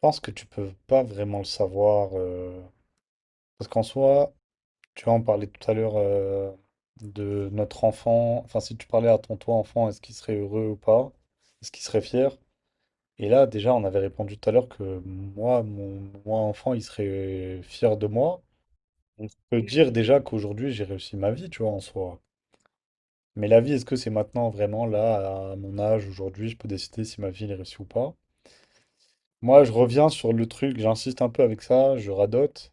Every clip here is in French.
Pense que tu peux pas vraiment le savoir. Parce qu'en soi, tu vois, on parlait tout à l'heure de notre enfant. Enfin, si tu parlais à ton toi enfant, est-ce qu'il serait heureux ou pas? Est-ce qu'il serait fier? Et là, déjà, on avait répondu tout à l'heure que moi, mon moi enfant, il serait fier de moi. Je peux dire déjà qu'aujourd'hui, j'ai réussi ma vie, tu vois, en soi. Mais la vie, est-ce que c'est maintenant vraiment là, à mon âge, aujourd'hui, je peux décider si ma vie elle est réussie ou pas? Moi, je reviens sur le truc, j'insiste un peu avec ça, je radote.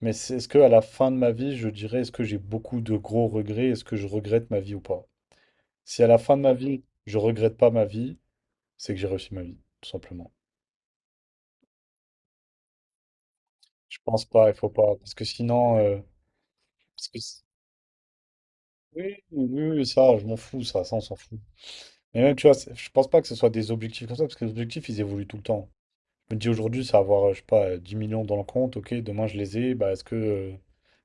Mais est-ce que à la fin de ma vie, je dirais, est-ce que j'ai beaucoup de gros regrets? Est-ce que je regrette ma vie ou pas? Si à la fin de ma vie, je regrette pas ma vie, c'est que j'ai réussi ma vie, tout simplement. Je pense pas, il faut pas, parce que sinon, parce que c- oui, oui, oui, oui, ça, je m'en fous, ça, on s'en fout. Mais même, tu vois, je pense pas que ce soit des objectifs comme ça, parce que les objectifs, ils évoluent tout le temps. Je me dis aujourd'hui, ça va avoir, je sais pas, 10 millions dans le compte, ok, demain je les ai, bah est-ce que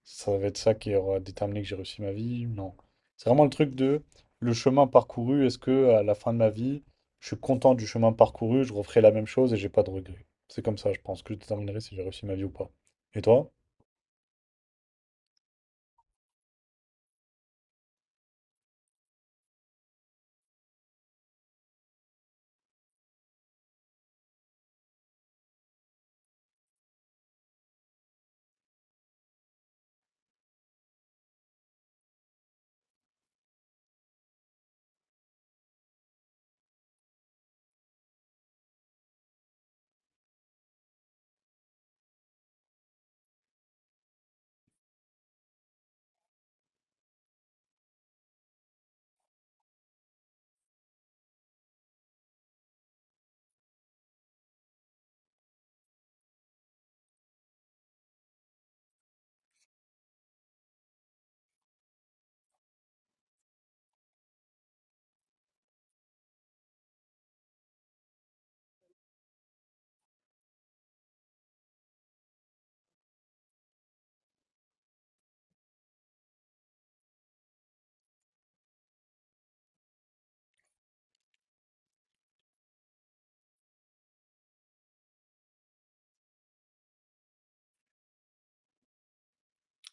ça va être ça qui aura déterminé que j'ai réussi ma vie? Non. C'est vraiment le truc de le chemin parcouru, est-ce que à la fin de ma vie, je suis content du chemin parcouru, je referai la même chose et j'ai pas de regrets. C'est comme ça, je pense que je déterminerai si j'ai réussi ma vie ou pas. Et toi?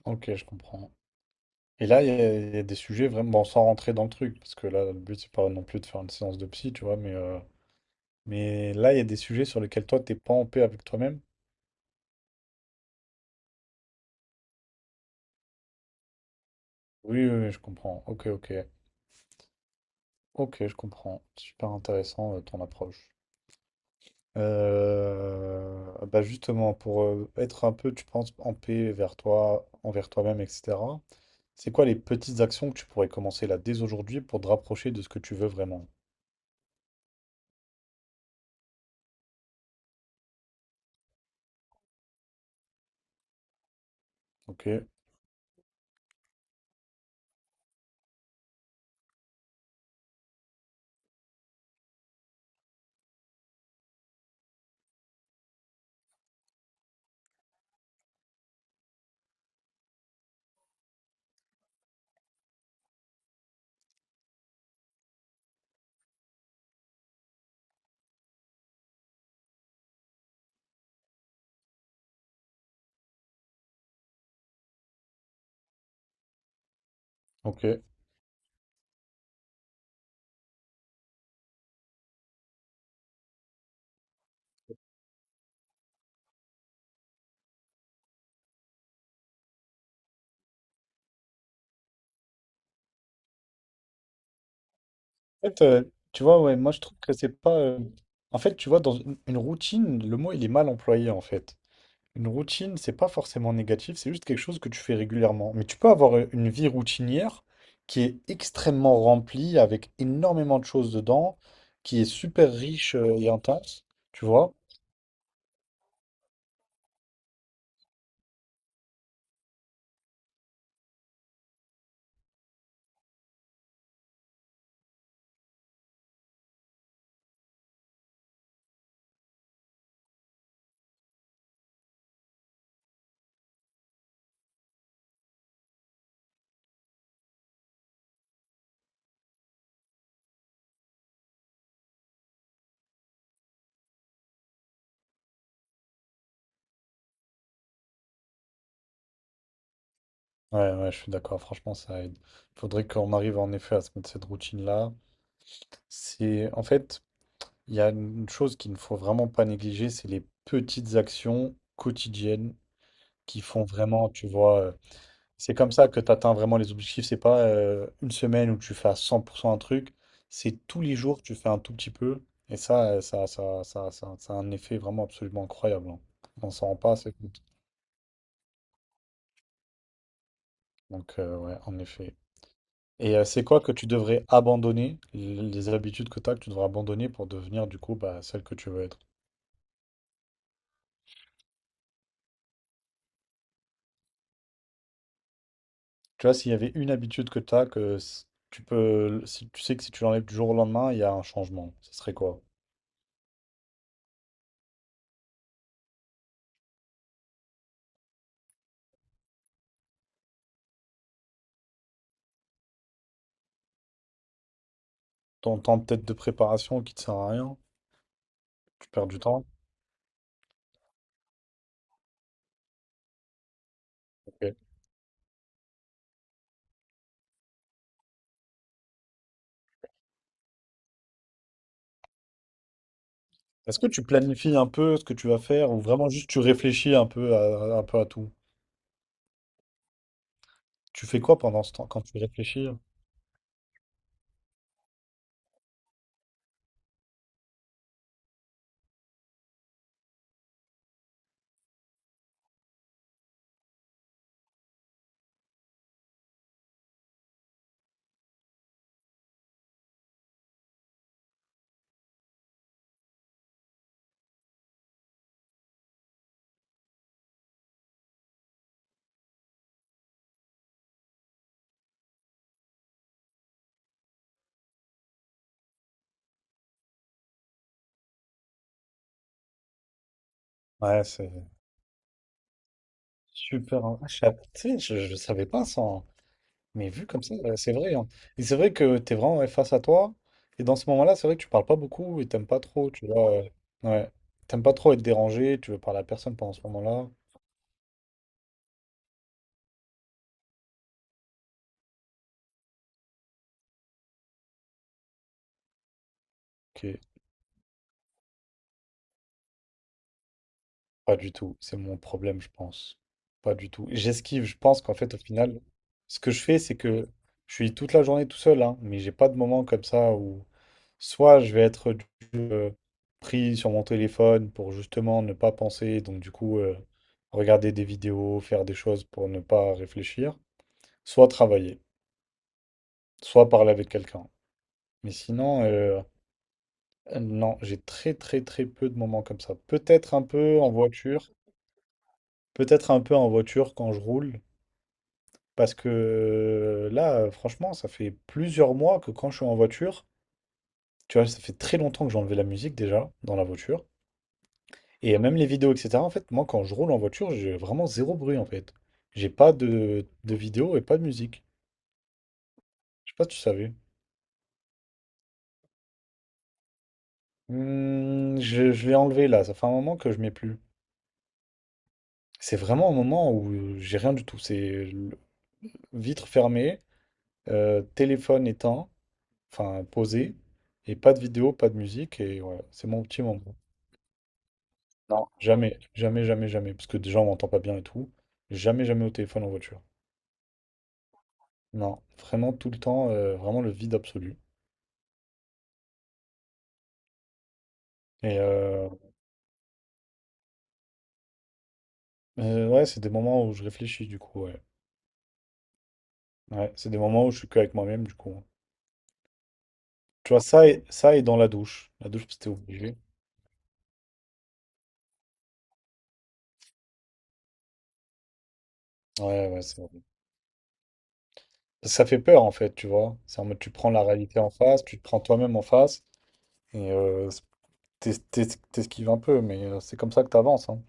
Ok, je comprends. Et là, il y a des sujets vraiment, bon, sans rentrer dans le truc, parce que là, le but, c'est pas non plus de faire une séance de psy, tu vois, mais là, il y a des sujets sur lesquels toi, t'es pas en paix avec toi-même. Oui, oui, oui, je comprends. Ok, ok. Ok, je comprends. Super intéressant ton approche. Bah justement, pour être un peu, tu penses, en paix vers toi, envers toi-même, etc., c'est quoi les petites actions que tu pourrais commencer là dès aujourd'hui pour te rapprocher de ce que tu veux vraiment? Ok, ok. En fait, tu vois, ouais, moi je trouve que c'est pas. En fait, tu vois, dans une routine, le mot il est mal employé en fait. Une routine, c'est pas forcément négatif, c'est juste quelque chose que tu fais régulièrement. Mais tu peux avoir une vie routinière qui est extrêmement remplie, avec énormément de choses dedans, qui est super riche et intense, tu vois? Ouais, ouais, je suis d'accord, franchement, ça aide. Faudrait qu'on arrive en effet à se mettre cette routine-là. C'est, en fait, il y a une chose qu'il ne faut vraiment pas négliger, c'est les petites actions quotidiennes qui font vraiment, tu vois, c'est comme ça que tu atteins vraiment les objectifs. C'est pas une semaine où tu fais à 100% un truc. C'est tous les jours, tu fais un tout petit peu. Et ça, ça a un effet vraiment absolument incroyable, hein. On s'en rend pas assez compte. Donc, ouais, en effet. Et c'est quoi que tu devrais abandonner, les habitudes que tu as, que tu devrais abandonner pour devenir, du coup, bah, celle que tu veux être? Tu vois, s'il y avait une habitude que tu as, tu peux, si tu sais que si tu l'enlèves du jour au lendemain, il y a un changement. Ce serait quoi? Ton temps peut-être de préparation qui te sert à rien, tu perds du temps. Ok. Est-ce que tu planifies un peu ce que tu vas faire ou vraiment juste tu réfléchis un peu à tout? Tu fais quoi pendant ce temps quand tu réfléchis? Ouais, c'est super, hein. Tu sais, je savais pas ça, hein. Mais vu comme ça, c'est vrai, hein. Et c'est vrai que t'es vraiment ouais, face à toi. Et dans ce moment-là, c'est vrai que tu parles pas beaucoup et t'aimes pas trop, tu vois. Ouais. T'aimes pas trop être dérangé, tu veux parler à personne pendant ce moment-là. Ok. Pas du tout, c'est mon problème, je pense. Pas du tout. J'esquive, je pense qu'en fait, au final, ce que je fais, c'est que je suis toute la journée tout seul, hein, mais j'ai pas de moment comme ça où soit je vais être du- euh, pris sur mon téléphone pour justement ne pas penser, donc du coup, regarder des vidéos, faire des choses pour ne pas réfléchir, soit travailler, soit parler avec quelqu'un. Mais sinon, non, j'ai très peu de moments comme ça. Peut-être un peu en voiture, peut-être un peu en voiture quand je roule. Parce que là, franchement, ça fait plusieurs mois que quand je suis en voiture, tu vois, ça fait très longtemps que j'ai enlevé la musique déjà dans la voiture. Et même les vidéos, etc. En fait, moi, quand je roule en voiture, j'ai vraiment zéro bruit, en fait. J'ai pas de, de vidéo et pas de musique. Je sais pas si tu savais. Hmm, je l'ai enlevé là, ça fait un moment que je mets plus. C'est vraiment un moment où j'ai rien du tout. Vitre fermée, téléphone éteint, enfin posé, et pas de vidéo, pas de musique, et voilà, c'est mon petit moment. Non, jamais, jamais, jamais, jamais. Parce que déjà, on m'entend pas bien et tout. Jamais, jamais au téléphone en voiture. Non, vraiment tout le temps, vraiment le vide absolu. Et ouais, c'est des moments où je réfléchis, du coup, ouais. Ouais, c'est des moments où je suis qu'avec moi-même, du coup. Tu vois, ça et dans la douche. La douche, c'était obligé. Ouais, ouais, c'est horrible. Ça fait peur, en fait, tu vois. C'est en mode, tu prends la réalité en face, tu te prends toi-même en face, et t'es- t'es- t'esquives un peu, mais c'est comme ça que t'avances, hein.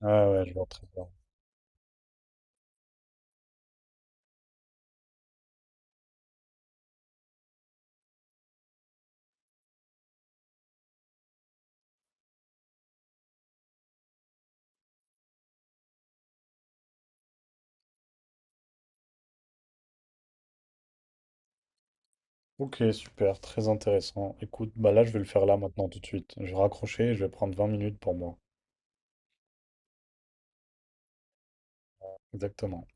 Ah ouais, je vois très bien. Ok, super, très intéressant. Écoute, bah là, je vais le faire là maintenant tout de suite. Je vais raccrocher et je vais prendre 20 minutes pour moi. Exactement.